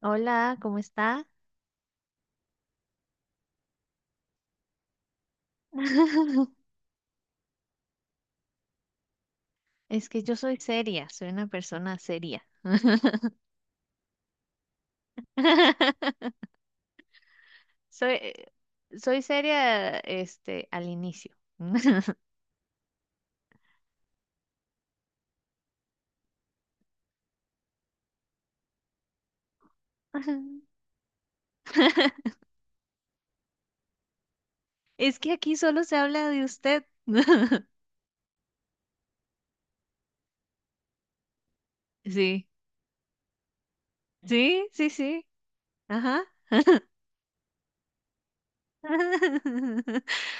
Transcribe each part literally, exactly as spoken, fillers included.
Hola, ¿cómo está? Es que yo soy seria, soy una persona seria. Soy, eh, soy seria, este, al inicio. Es que aquí solo se habla de usted. Sí, sí, sí, sí. Ajá.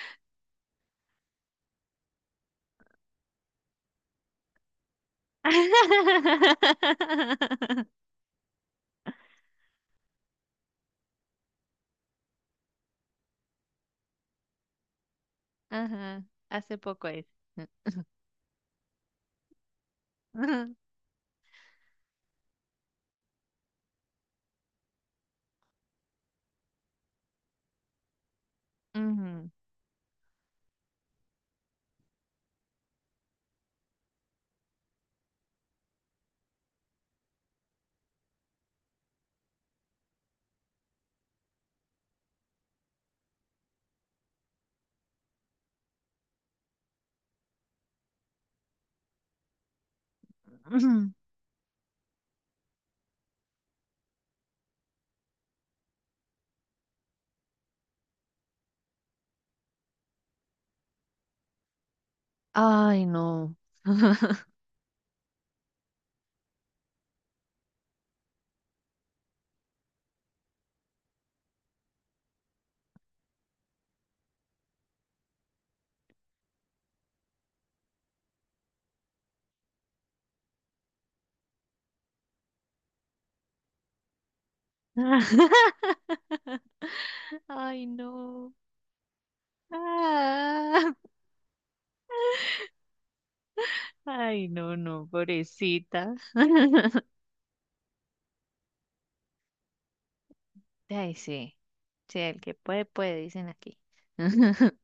Ajá. Hace poco es. Ujú. Ay, no. Ay, no. Ah. Ay, no, no, pobrecita. Ay, sí. Sí, el que puede, puede, dicen aquí.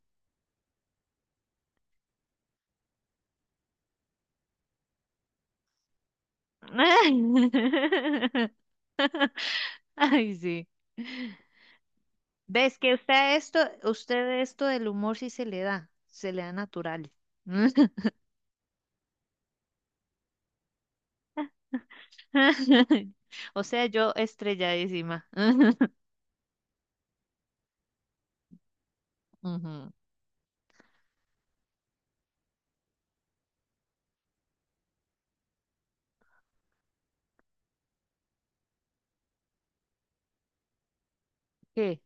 Ay, sí. ¿Ves que usted esto, usted esto del humor sí se le da, se le da natural. O sea, yo estrelladísima. Ujú. ¿Qué?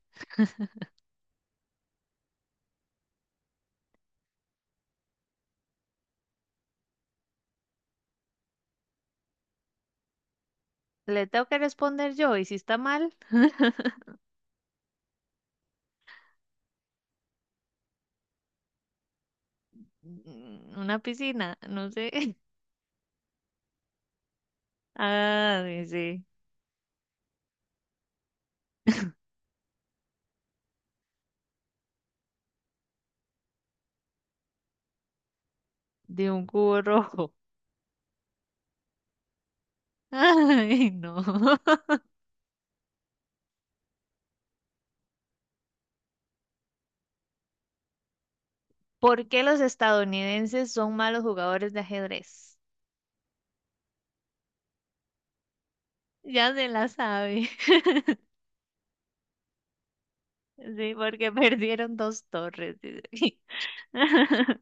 ¿Le tengo que responder yo? ¿Y si está mal? Mm, una piscina, no sé. Ah, dice, de un cubo rojo. Ay, no. ¿Por qué los estadounidenses son malos jugadores de ajedrez? Ya se la sabe. Sí, porque perdieron dos torres, dice.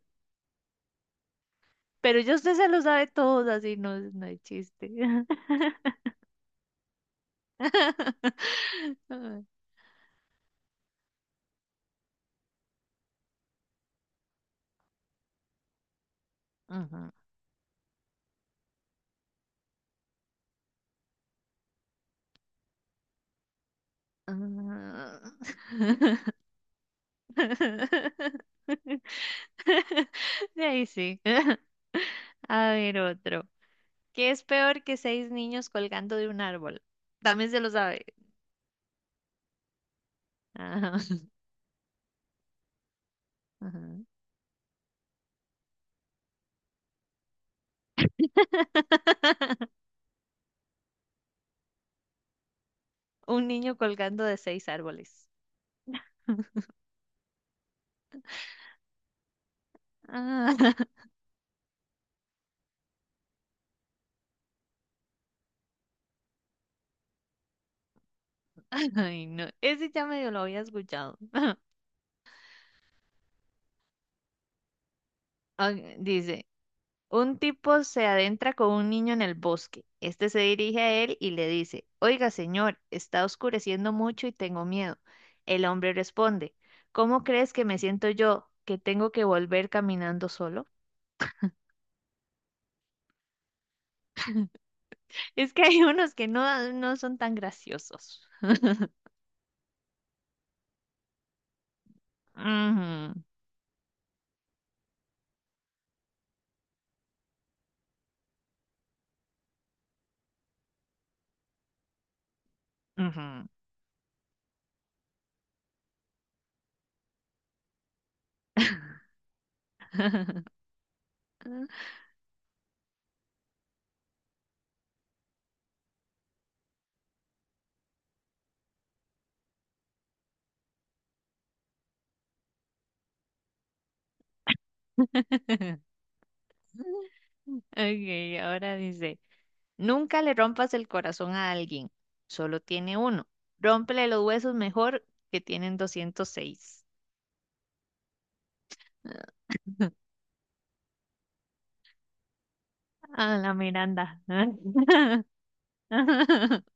Pero yo usted se lo sabe todo, así no, es- no hay chiste. Ujú. Ah. De ahí sí. A ver otro. ¿Qué es peor que seis niños colgando de un árbol? También se lo sabe. Ajá, ajá. Un niño colgando de seis árboles. Ah, Ay, no. Ese ya medio lo había escuchado. Ah, dice, un tipo se adentra con un niño en el bosque. Este se dirige a él y le dice, oiga, señor, está oscureciendo mucho y tengo miedo. El hombre responde, ¿cómo crees que me siento yo, que tengo que volver caminando solo? Es que hay unos que no, no son tan graciosos. Ujú, ujú. Ok, ahora dice, nunca le rompas el corazón a alguien, solo tiene uno. Rómpele los huesos mejor que tienen doscientos seis. A la Miranda.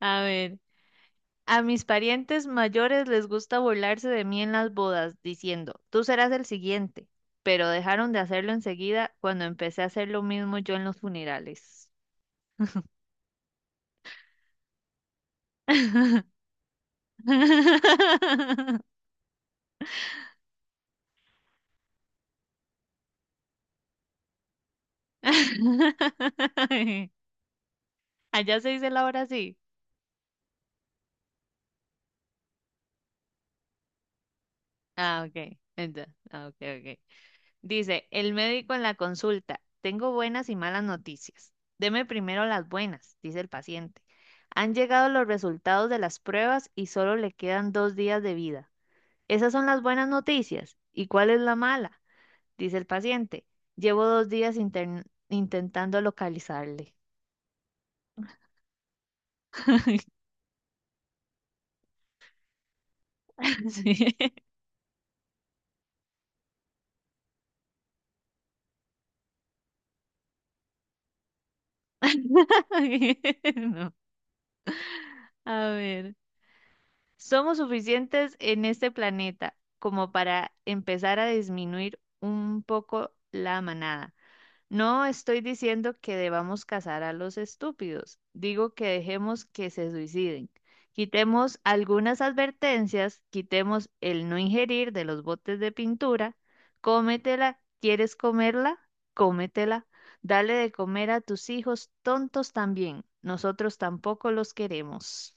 A ver, a mis parientes mayores les gusta burlarse de mí en las bodas, diciendo, tú serás el siguiente, pero dejaron de hacerlo enseguida cuando empecé a hacer lo mismo yo en los funerales. Allá se dice la hora así. Ah, ok. Enta- ah, ok, ok. Dice, el médico en la consulta, tengo buenas y malas noticias. Deme primero las buenas, dice el paciente. Han llegado los resultados de las pruebas y solo le quedan dos días de vida. Esas son las buenas noticias. ¿Y cuál es la mala? Dice el paciente. Llevo dos días intern- intentando localizarle. Sí. No. A ver. Somos suficientes en este planeta como para empezar a disminuir un poco la manada. No estoy diciendo que debamos cazar a los estúpidos, digo que dejemos que se suiciden. Quitemos algunas advertencias, quitemos el no ingerir de los botes de pintura, cómetela, ¿quieres comerla? Cómetela. Dale de comer a tus hijos tontos también, nosotros tampoco los queremos.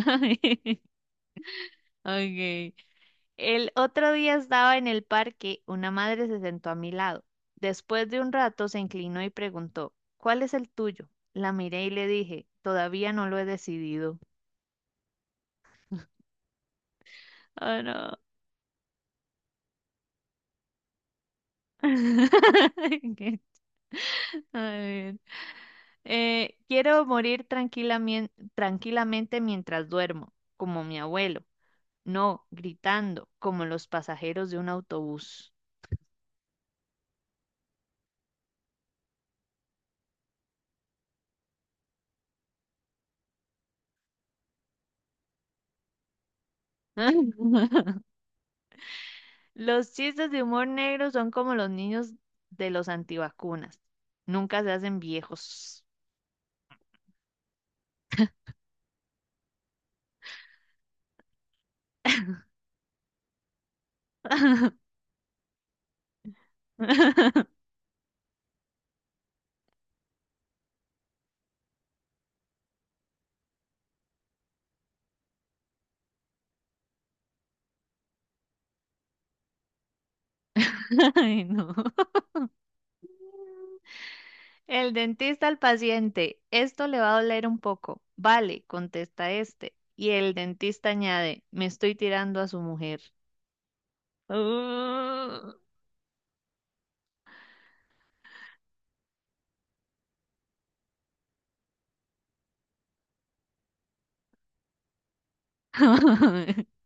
Ok. El otro día estaba en el parque, una madre se sentó a mi lado. Después de un rato se inclinó y preguntó, ¿cuál es el tuyo? La miré y le dije, todavía no lo he decidido. Oh, no. A ver. Eh, quiero morir tranquilamente, tranquilamente mientras duermo, como mi abuelo. No, gritando, como los pasajeros de un autobús. Los chistes de humor negro son como los niños de los antivacunas. Nunca se hacen viejos. Ay, no. El dentista al paciente, esto le va a doler un poco. Vale, contesta este. Y el dentista añade, me estoy tirando a su mujer. Uh.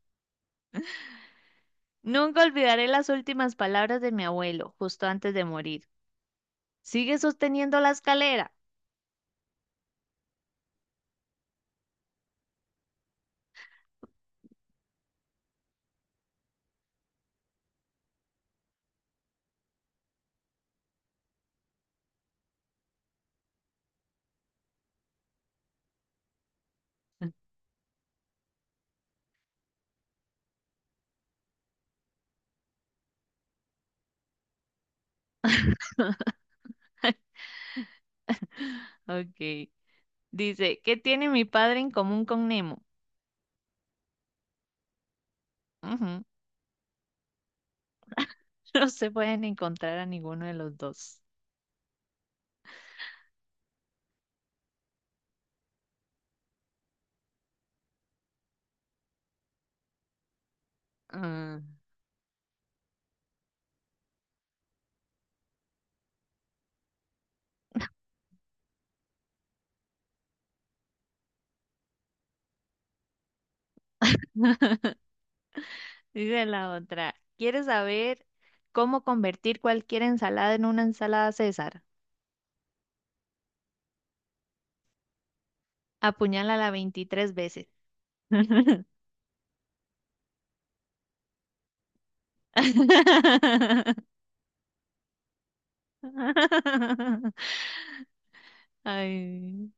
Nunca olvidaré las últimas palabras de mi abuelo, justo antes de morir. Sigue sosteniendo la escalera. Ok. Dice, ¿qué tiene mi padre en común con Nemo? Ujú. No se pueden encontrar a ninguno de los dos. Ah. Dice la otra, ¿quieres saber cómo convertir cualquier ensalada en una ensalada César? Apuñálala veintitrés veces. Ay.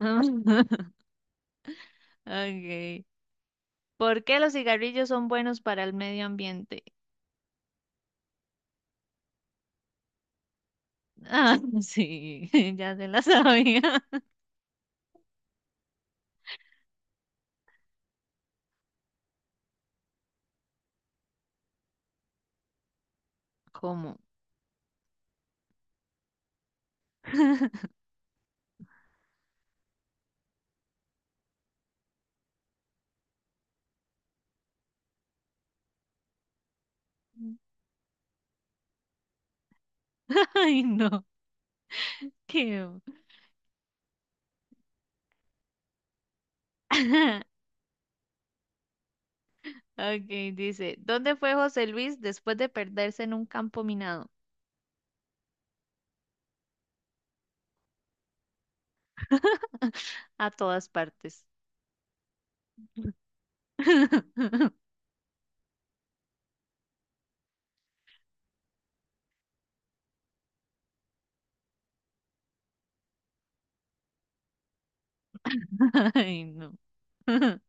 Okay. ¿Por qué los cigarrillos son buenos para el medio ambiente? Ah, sí, ya se la sabía. ¿Cómo? Ay, no. Qué... Ok, dice, ¿dónde fue José Luis después de perderse en un campo minado? A todas partes. Ay, no.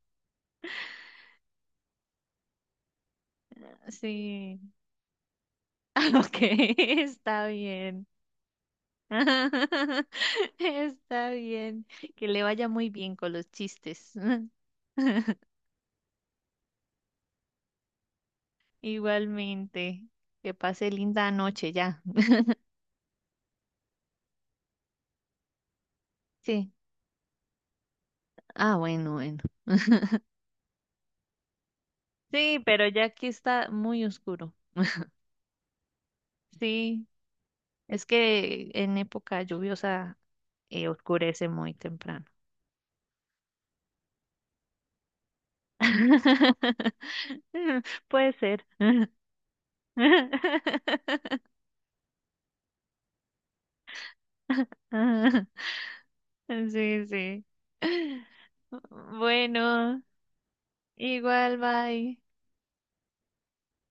Sí. Ok, está bien. Está bien. Que le vaya muy bien con los chistes. Igualmente. Que pase linda noche ya. Sí. Ah, bueno, bueno. Sí, pero ya aquí está muy oscuro. Sí. Es que en época lluviosa eh, oscurece muy temprano. Puede ser. Sí, sí. Bueno, igual, bye.